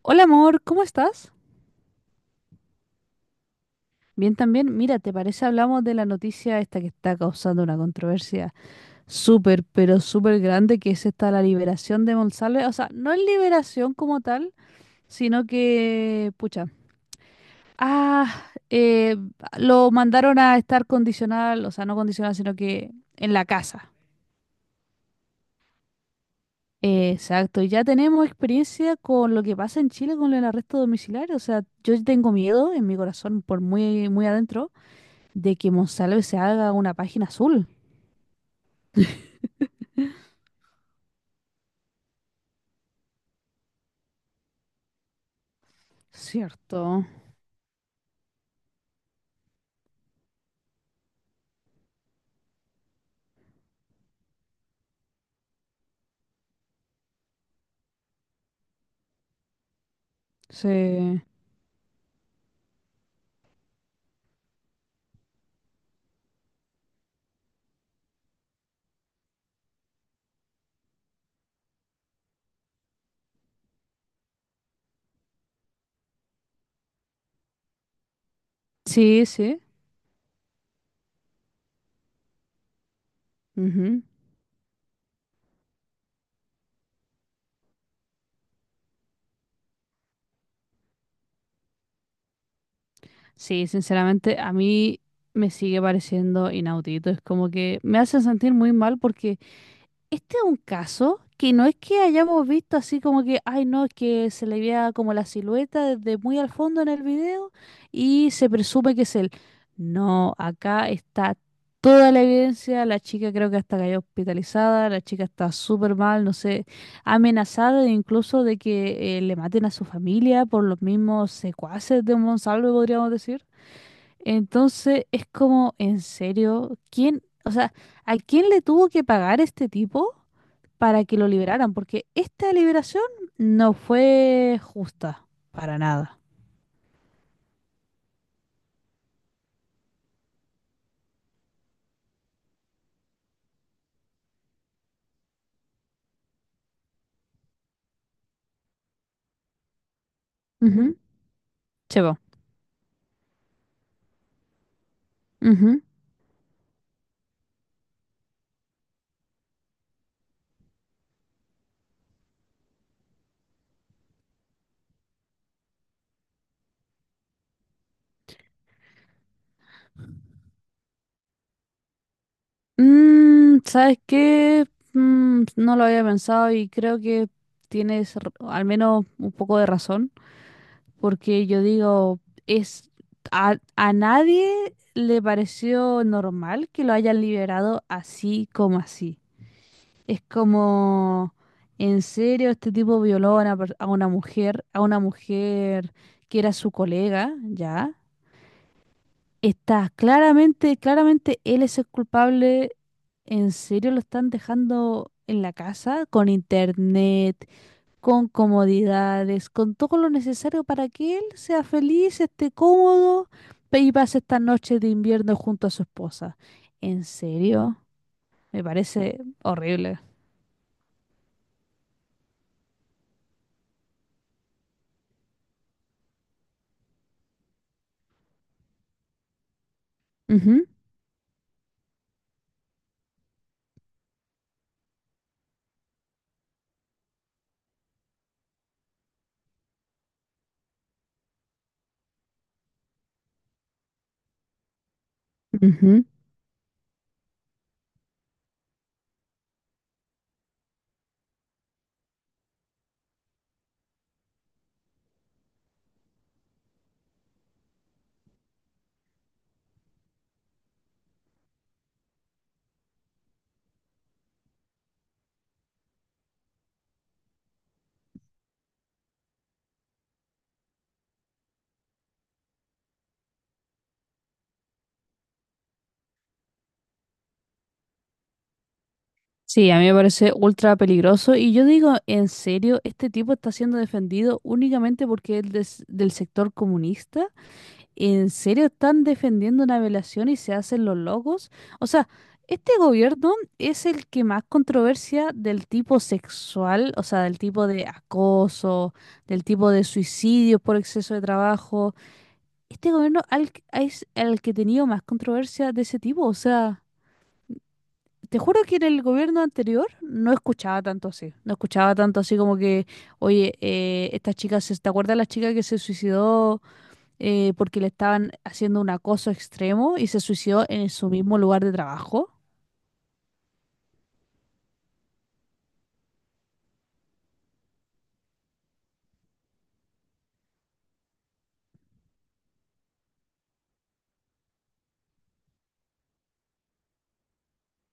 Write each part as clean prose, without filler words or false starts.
Hola amor, ¿cómo estás? Bien también. Mira, ¿te parece hablamos de la noticia esta que está causando una controversia súper, pero súper grande, que es esta la liberación de Monsalve? O sea, no es liberación como tal, sino que, pucha, ah, eh, lo mandaron a estar condicional, o sea, no condicional, sino que en la casa. Exacto, y ya tenemos experiencia con lo que pasa en Chile con el arresto domiciliario. O sea, yo tengo miedo en mi corazón, por muy, muy adentro de que Monsalve se haga una página azul. Cierto. Sí. Sí, sí. Ujú. Sí, sinceramente, a mí me sigue pareciendo inaudito. Es como que me hace sentir muy mal porque este es un caso que no es que hayamos visto así como que, ay no, es que se le veía como la silueta desde muy al fondo en el video y se presume que es él. No, acá está toda la evidencia, la chica creo que hasta cayó hospitalizada, la chica está súper mal, no sé, amenazada e incluso de que le maten a su familia por los mismos secuaces de un Monsalve, podríamos decir. Entonces es como, ¿en serio? ¿Quién, o sea, a quién le tuvo que pagar este tipo para que lo liberaran? Porque esta liberación no fue justa para nada. Ujú. Se va. Ujú. ¿Sabes qué? No lo había pensado y creo que tienes al menos un poco de razón, porque yo digo, es a nadie le pareció normal que lo hayan liberado así como así. Es como, en serio, este tipo violó a una, a una mujer que era su colega, ¿ya? Está claramente, claramente él es el culpable. ¿En serio lo están dejando en la casa? Con internet, con comodidades, con todo lo necesario para que él sea feliz, esté cómodo y pase esta noche de invierno junto a su esposa. ¿En serio? Me parece horrible. Ujú, ujú. Sí, a mí me parece ultra peligroso y yo digo, en serio, este tipo está siendo defendido únicamente porque es del sector comunista. ¿En serio están defendiendo una violación y se hacen los locos? O sea, este gobierno es el que más controversia del tipo sexual, o sea, del tipo de acoso, del tipo de suicidio por exceso de trabajo. Este gobierno es el que ha tenido más controversia de ese tipo, o sea... Te juro que en el gobierno anterior no escuchaba tanto así. No escuchaba tanto así como que, oye, esta chica, se, ¿te acuerdas la chica que se suicidó porque le estaban haciendo un acoso extremo y se suicidó en su mismo lugar de trabajo?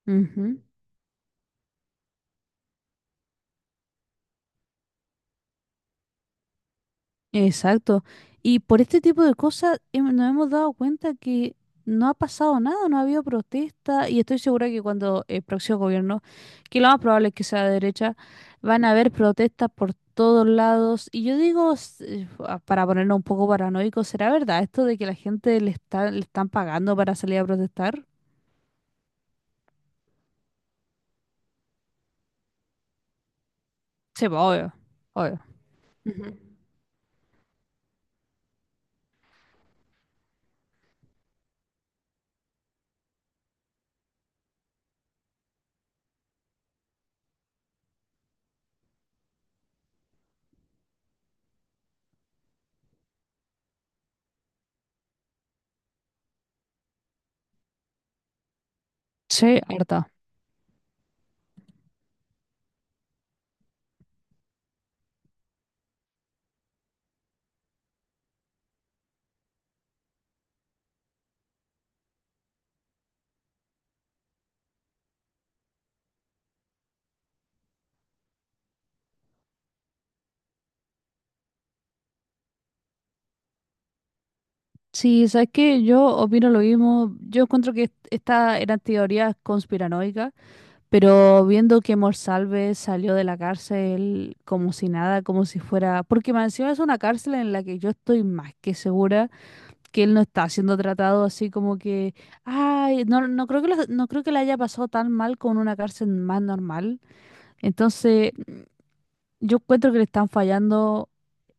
Ujú. Exacto. Y por este tipo de cosas nos hemos dado cuenta que no ha pasado nada, no ha habido protesta y estoy segura que cuando el próximo gobierno, que lo más probable es que sea de derecha, van a haber protestas por todos lados. Y yo digo, para ponernos un poco paranoicos, ¿será verdad esto de que la gente le está, le están pagando para salir a protestar? Sí, pues, obvio, obvio. Ujú. Sí, harta. Sí, sabes que yo opino lo mismo. Yo encuentro que estas eran teorías conspiranoicas. Pero viendo que Morsalve salió de la cárcel como si nada, como si fuera... Porque más encima es una cárcel en la que yo estoy más que segura que él no está siendo tratado así como que... Ay, no, no creo que no creo que le haya pasado tan mal con una cárcel más normal. Entonces, yo encuentro que le están fallando...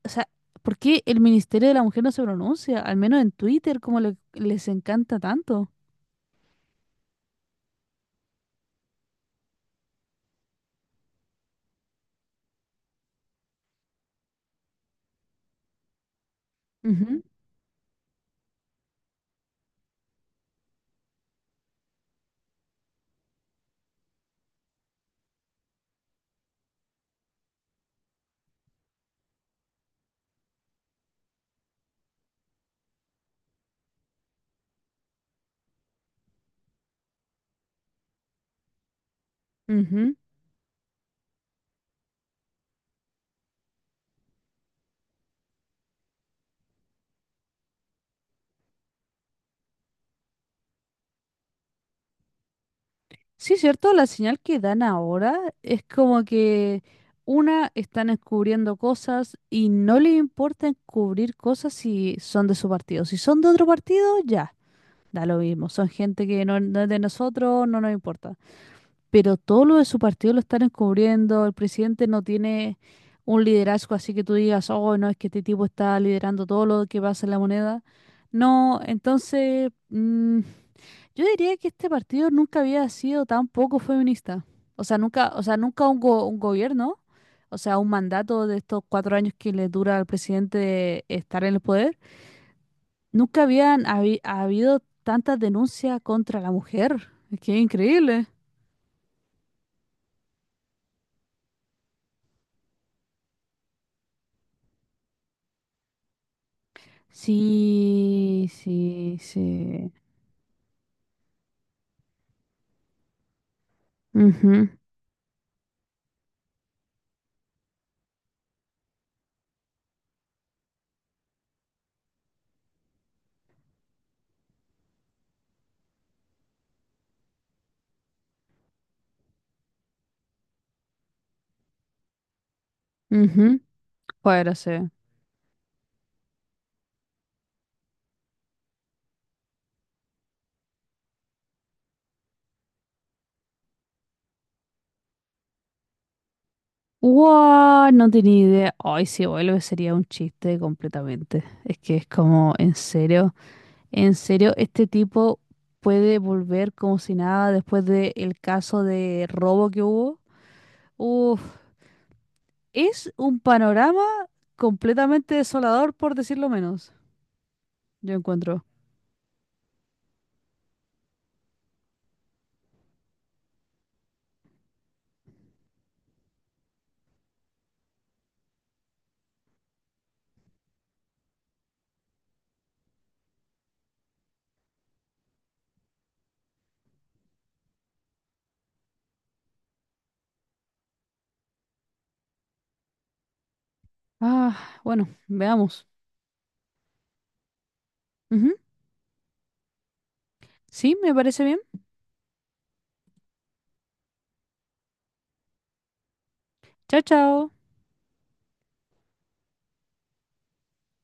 O sea, ¿por qué el Ministerio de la Mujer no se pronuncia? Al menos en Twitter, como les encanta tanto. Ujú, ujú. Sí, cierto, la señal que dan ahora es como que una están encubriendo cosas y no les importa encubrir cosas si son de su partido. Si son de otro partido, ya, da lo mismo. Son gente que no, no es de nosotros, no nos importa, pero todo lo de su partido lo están encubriendo, el presidente no tiene un liderazgo así que tú digas, oh, no, es que este tipo está liderando todo lo que pasa en La Moneda. No, entonces, yo diría que este partido nunca había sido tan poco feminista. O sea, nunca un, un gobierno, o sea, un mandato de estos 4 años que le dura al presidente estar en el poder, nunca habían habido tantas denuncias contra la mujer. Es que es increíble. Sí, sí, sí. Ujú, ujú. Fuera, sí. ¡Wow! No tenía idea. Ay, si vuelve sería un chiste completamente. Es que es como, en serio, este tipo puede volver como si nada después del caso de robo que hubo. Uf, es un panorama completamente desolador, por decirlo menos, yo encuentro. Ah, bueno, veamos. Ujú. Sí, me parece bien. Chao, chao.